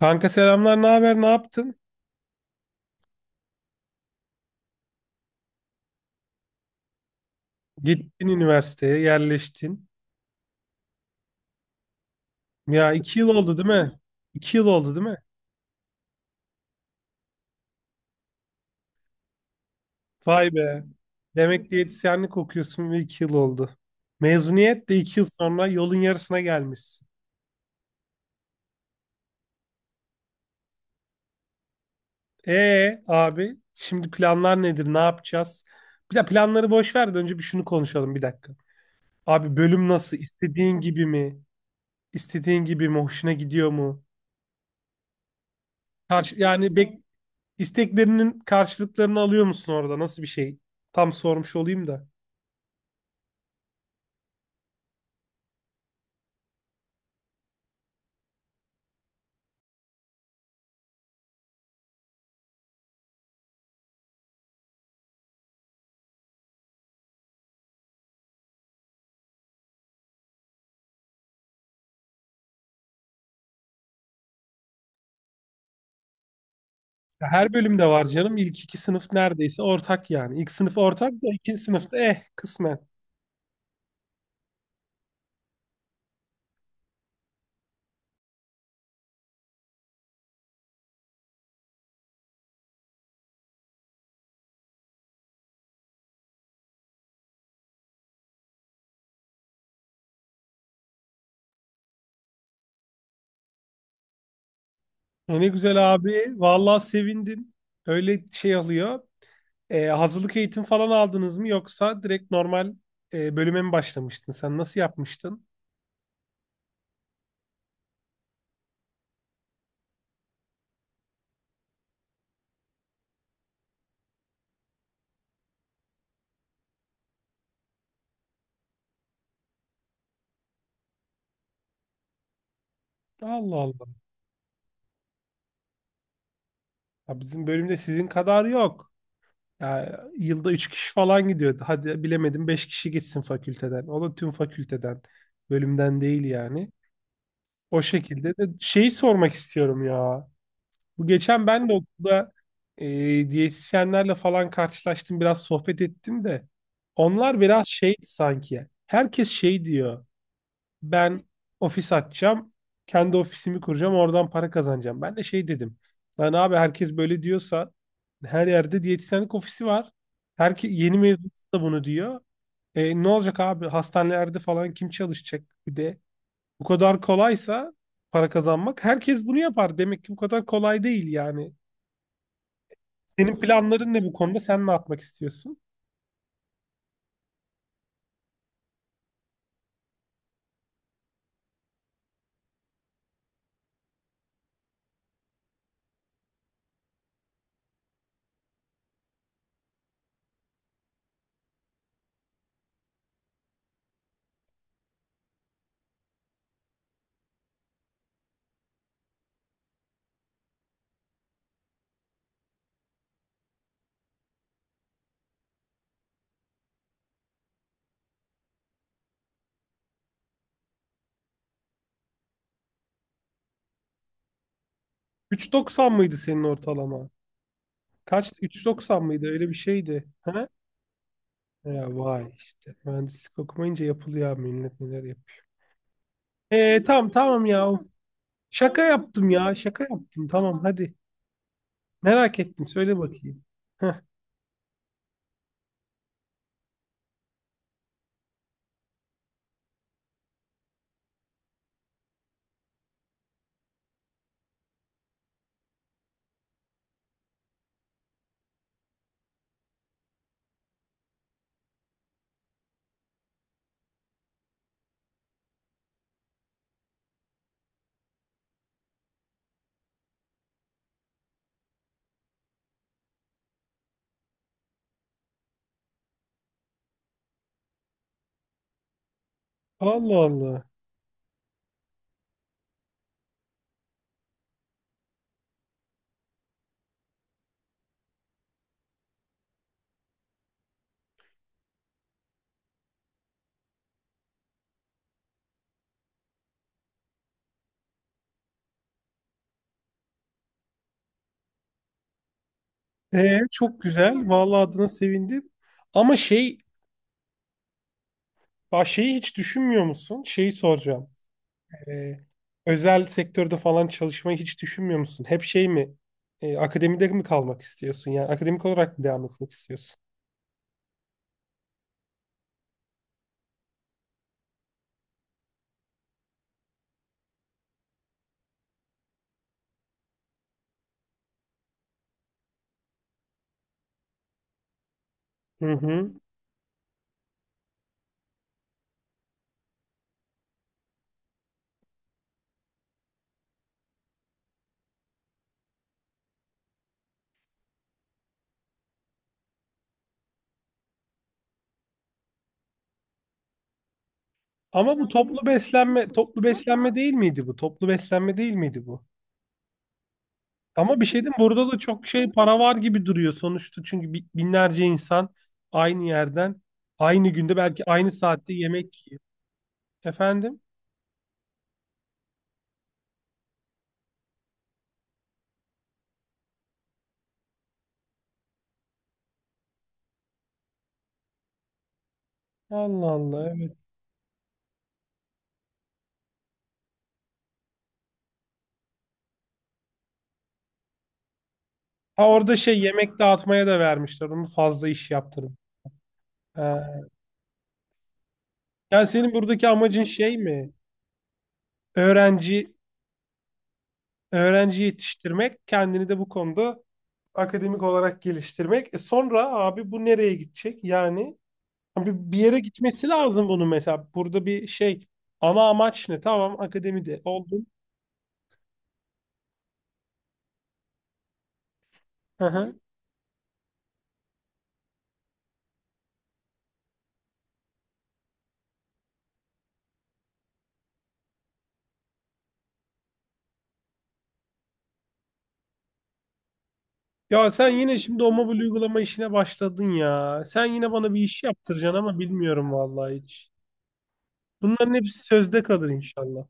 Kanka selamlar, ne haber, ne yaptın? Gittin üniversiteye, yerleştin. Ya iki yıl oldu değil mi? İki yıl oldu değil mi? Vay be. Demek diyetisyenlik okuyorsun ve iki yıl oldu. Mezuniyet de iki yıl sonra yolun yarısına gelmişsin. Abi, şimdi planlar nedir, ne yapacağız? Bir de planları boş ver de önce bir şunu konuşalım bir dakika. Abi bölüm nasıl? İstediğin gibi mi? İstediğin gibi mi? Hoşuna gidiyor mu? Karşı, yani bek İsteklerinin karşılıklarını alıyor musun orada? Nasıl bir şey? Tam sormuş olayım da. Ya her bölümde var canım. İlk iki sınıf neredeyse ortak yani. İlk sınıf ortak da ikinci sınıfta kısmen. Ne güzel abi. Vallahi sevindim. Öyle şey oluyor. Hazırlık eğitim falan aldınız mı yoksa direkt normal bölüme mi başlamıştın? Sen nasıl yapmıştın? Allah Allah. Ya bizim bölümde sizin kadar yok. Ya yılda 3 kişi falan gidiyordu. Hadi bilemedim 5 kişi gitsin fakülteden. O da tüm fakülteden. Bölümden değil yani. O şekilde de şeyi sormak istiyorum ya. Bu geçen ben de okulda e, diyetisyenlerle falan karşılaştım. Biraz sohbet ettim de. Onlar biraz şey sanki. Herkes şey diyor: ben ofis açacağım. Kendi ofisimi kuracağım. Oradan para kazanacağım. Ben de şey dedim. Lan abi herkes böyle diyorsa her yerde diyetisyenlik ofisi var. Herke yeni mezun da bunu diyor. Ne olacak abi? Hastanelerde falan kim çalışacak? Bir de bu kadar kolaysa para kazanmak herkes bunu yapar. Demek ki bu kadar kolay değil yani. Senin planların ne bu konuda? Sen ne yapmak istiyorsun? 3.90 mıydı senin ortalama? Kaçtı? 3.90 mıydı? Öyle bir şeydi. He? Ya vay işte. Mühendislik okumayınca yapılıyor abi, millet neler yapıyor. Tamam tamam ya. Şaka yaptım ya. Şaka yaptım. Tamam hadi. Merak ettim. Söyle bakayım. Heh. Allah Allah. Çok güzel. Vallahi adına sevindim. Ama şey, bak şeyi hiç düşünmüyor musun? Şeyi soracağım. Ee, özel sektörde falan çalışmayı hiç düşünmüyor musun? Hep şey mi? Akademide mi kalmak istiyorsun? Yani akademik olarak mı devam etmek istiyorsun? Hı hı. Ama bu toplu beslenme, toplu beslenme değil miydi bu? Toplu beslenme değil miydi bu? Ama bir şey diyeyim, burada da çok şey para var gibi duruyor sonuçta. Çünkü binlerce insan aynı yerden aynı günde belki aynı saatte yemek, efendim. Allah Allah, evet. Ha, orada şey, yemek dağıtmaya da vermişler. Onu fazla iş yaptırım. Ha. Yani senin buradaki amacın şey mi? Öğrenci öğrenci yetiştirmek, kendini de bu konuda akademik olarak geliştirmek. Sonra abi bu nereye gidecek? Yani bir yere gitmesi lazım bunun mesela. Burada bir şey, ana amaç ne? Tamam akademide oldun. Hı hı. Ya sen yine şimdi o mobil uygulama işine başladın ya. Sen yine bana bir iş yaptıracaksın ama bilmiyorum vallahi hiç. Bunların hepsi sözde kalır inşallah.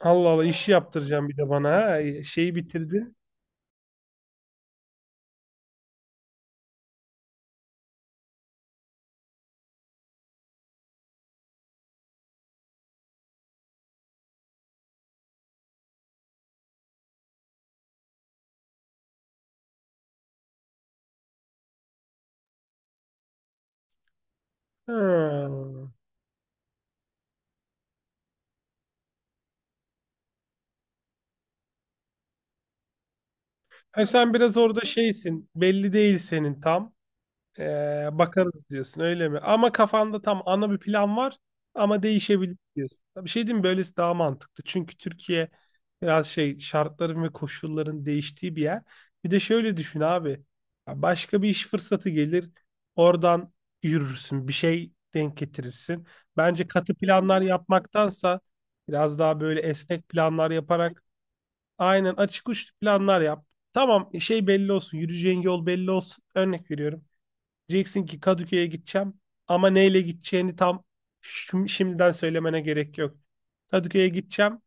Allah Allah, işi yaptıracaksın bir de bana. Ha. Şeyi bitirdin. Ha. Ha, sen biraz orada şeysin. Belli değil senin tam. Bakarız diyorsun öyle mi? Ama kafanda tam ana bir plan var ama değişebilir diyorsun. Bir şey diyeyim mi? Böylesi daha mantıklı. Çünkü Türkiye biraz şey, şartların ve koşulların değiştiği bir yer. Bir de şöyle düşün abi. Ya, başka bir iş fırsatı gelir. Oradan yürürsün. Bir şey denk getirirsin. Bence katı planlar yapmaktansa biraz daha böyle esnek planlar yaparak, aynen, açık uçlu planlar yap. Tamam, şey belli olsun. Yürüyeceğin yol belli olsun. Örnek veriyorum. Diyeceksin ki Kadıköy'e gideceğim ama neyle gideceğini tam şimdiden söylemene gerek yok. Kadıköy'e gideceğim.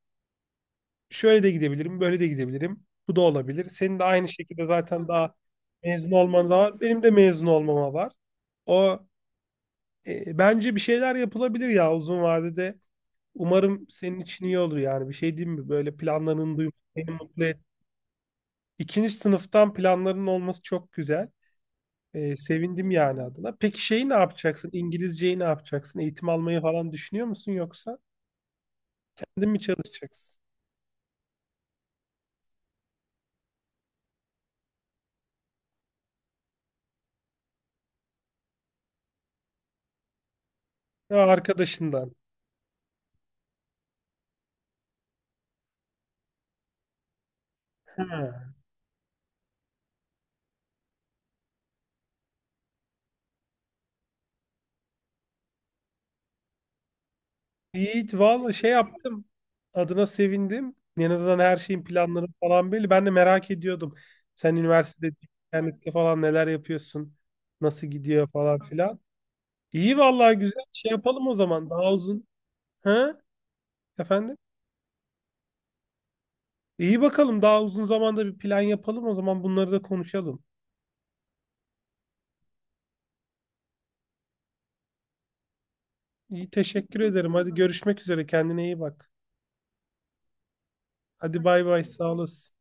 Şöyle de gidebilirim, böyle de gidebilirim. Bu da olabilir. Senin de aynı şekilde zaten daha mezun olman da var. Benim de mezun olmama var. O, bence bir şeyler yapılabilir ya, uzun vadede. Umarım senin için iyi olur yani. Bir şey diyeyim mi? Böyle planlarını duymak beni mutlu et. İkinci sınıftan planların olması çok güzel. Sevindim yani adına. Peki şeyi ne yapacaksın? İngilizceyi ne yapacaksın? Eğitim almayı falan düşünüyor musun yoksa? Kendin mi çalışacaksın? Ya, arkadaşından. Ha. Yiğit valla şey yaptım. Adına sevindim. En azından her şeyin planları falan belli. Ben de merak ediyordum. Sen üniversitede, internette falan neler yapıyorsun? Nasıl gidiyor falan filan. İyi, vallahi güzel. Şey yapalım o zaman. Daha uzun. Ha? Efendim? İyi bakalım. Daha uzun zamanda bir plan yapalım o zaman. Bunları da konuşalım. İyi, teşekkür ederim. Hadi görüşmek üzere. Kendine iyi bak. Hadi bay bay. Sağ olasın.